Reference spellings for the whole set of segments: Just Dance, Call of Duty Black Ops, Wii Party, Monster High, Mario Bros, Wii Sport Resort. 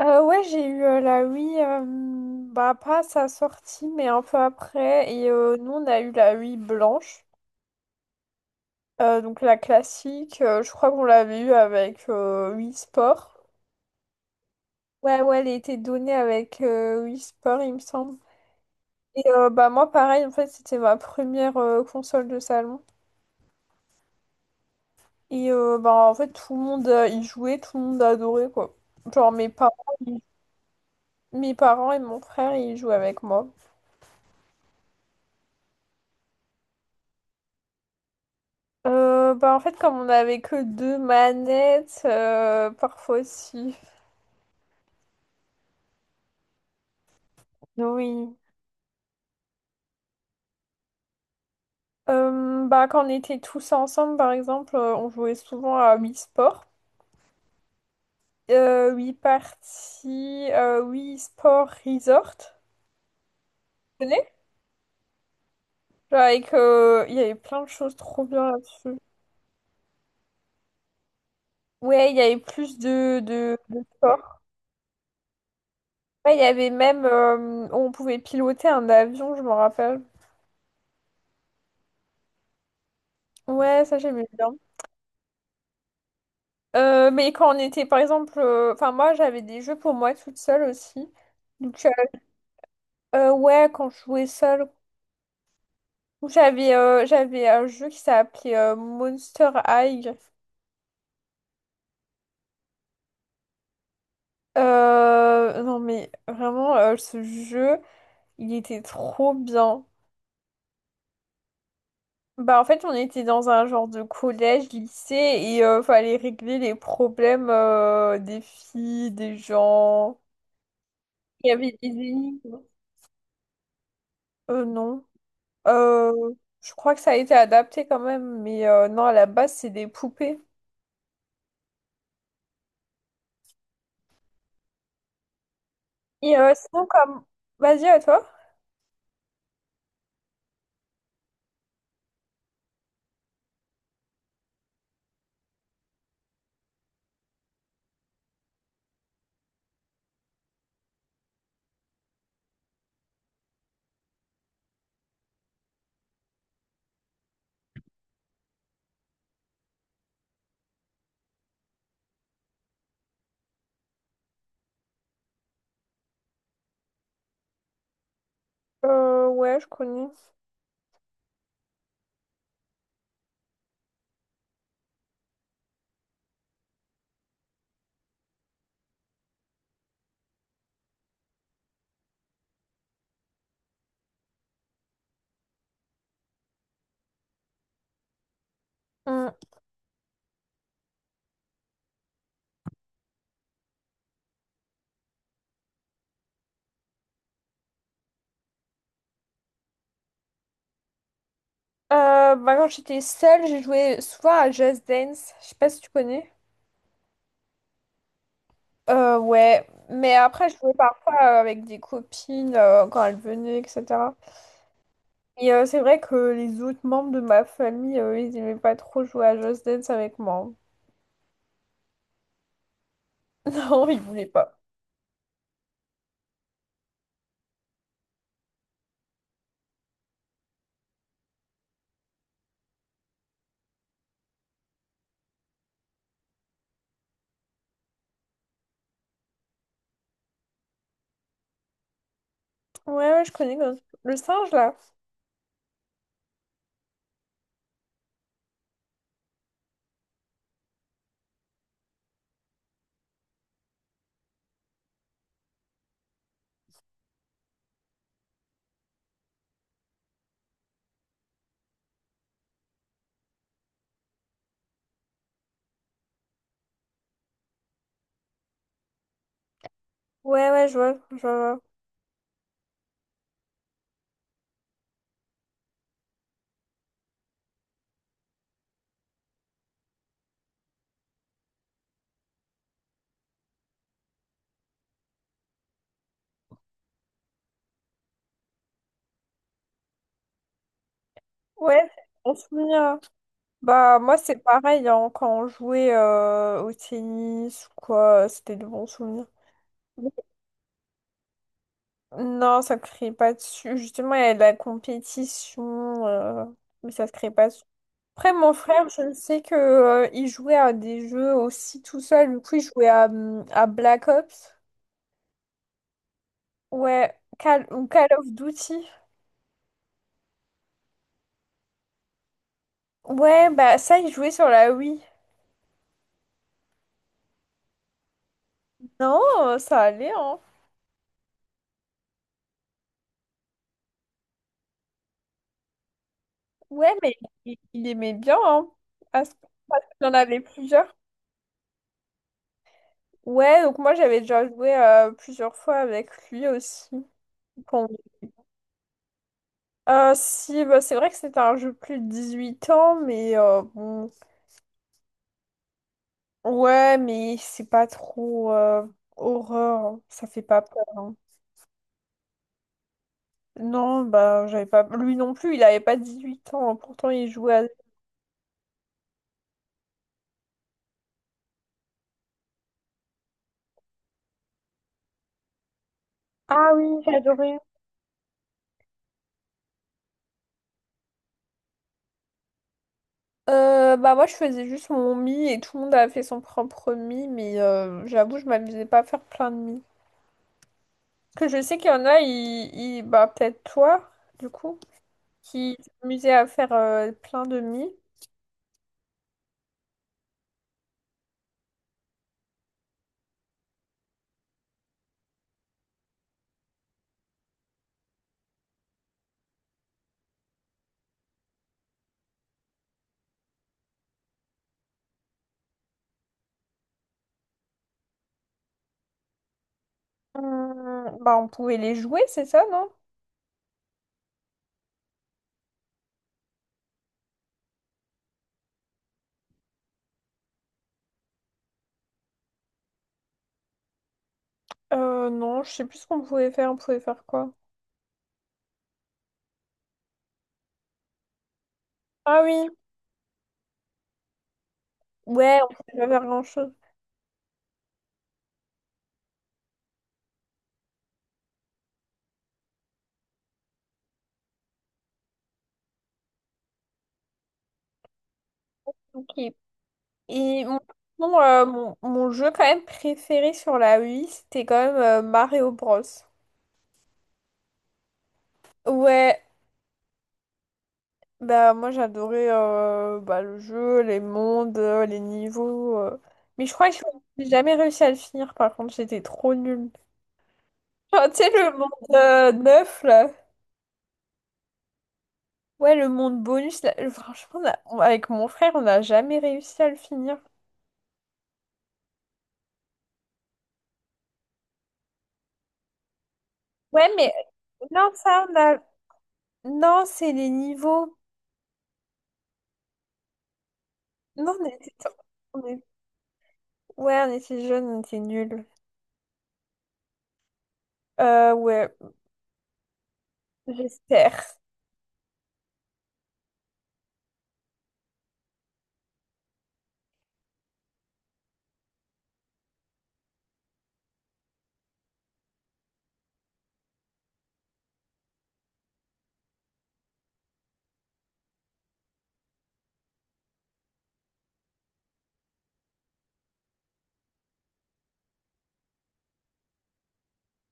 Ouais, j'ai eu la Wii, bah pas à sa sortie, mais un peu après. Et nous, on a eu la Wii blanche. Donc la classique. Je crois qu'on l'avait eu avec Wii Sport. Ouais, ouais, elle était donnée avec Wii Sport, il me semble. Et bah moi, pareil, en fait, c'était ma première console de salon. Et bah en fait, tout le monde y jouait, tout le monde adorait, quoi. Genre mes parents, ils- mes parents et mon frère, ils jouaient avec moi. Bah en fait, comme on n'avait que deux manettes, parfois aussi. Oui. Bah, quand on était tous ensemble, par exemple, on jouait souvent à Wii Sport. Wii Party, Wii Sport Resort. Vous connaissez. Genre avec, il y avait plein de choses trop bien là-dessus. Ouais, il y avait plus de, de sport. Ouais, il y avait même, on pouvait piloter un avion, je m'en rappelle. Ouais, ça j'aimais bien. Mais quand on était, par exemple, enfin moi j'avais des jeux pour moi toute seule aussi. Donc ouais, quand je jouais seule, j'avais un jeu qui s'appelait Monster High. Non mais vraiment ce jeu, il était trop bien. Bah en fait on était dans un genre de collège, lycée et fallait régler les problèmes des filles, des gens. Il y avait des énigmes. Non. Euh, je crois que ça a été adapté quand même, mais non, à la base, c'est des poupées. Et sinon, comme... Vas-y, à toi. Ouais, je connais. Mm. Bah, quand j'étais seule, j'ai joué souvent à Just Dance. Je sais pas si tu connais. Ouais, mais après, je jouais parfois avec des copines quand elles venaient, etc. Et c'est vrai que les autres membres de ma famille, ils aimaient pas trop jouer à Just Dance avec moi. Non, ils voulaient pas. Ouais, ouais, le singe, là. Ouais, ouais, je vois, je vois. Ouais, c'est un souvenir, hein. Bah, moi, c'est pareil, hein, quand on jouait au tennis ou quoi, c'était de bons souvenirs. Non, ça ne crée pas dessus. Justement, il y a de la compétition, mais ça se crée pas dessus. Après, mon frère, je sais que, il jouait à des jeux aussi tout seul. Du coup, il jouait à Black Ops. Ouais, Call, ou Call of Duty. Ouais, bah ça, il jouait sur la Wii. Non, ça allait, hein. Ouais, mais il aimait bien, hein. À ce point, parce qu'il en avait plusieurs. Ouais, donc moi j'avais déjà joué plusieurs fois avec lui aussi. Bon. Si, bah, c'est vrai que c'était un jeu plus de 18 ans, mais bon. Ouais, mais c'est pas trop horreur, hein. Ça fait pas peur, hein. Non, bah j'avais pas. Lui non plus, il avait pas 18 ans, hein. Pourtant, il jouait à. Ah oui, j'adorais. Bah moi je faisais juste mon mi et tout le monde a fait son propre mi mais j'avoue je m'amusais pas à faire plein de mi. Que je sais qu'il y en a, bah peut-être toi du coup, qui s'amusaient à faire plein de mi. Bah on pouvait les jouer c'est ça non? Non je sais plus ce qu'on pouvait faire, on pouvait faire quoi? Ah oui, ouais on pouvait pas faire grand-chose. Ok. Et mon jeu quand même préféré sur la Wii c'était quand même Mario Bros. Ouais, bah moi j'adorais bah, le jeu, les mondes, les niveaux. Mais je crois que j'ai jamais réussi à le finir par contre, j'étais trop nulle. Genre, tu sais le monde 9 là. Ouais le monde bonus là. Franchement avec mon frère on n'a jamais réussi à le finir. Ouais mais non ça on a... Non c'est les niveaux. Non on était... on est- Ouais on était jeunes, on était nuls. Ouais j'espère.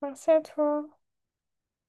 Merci à toi.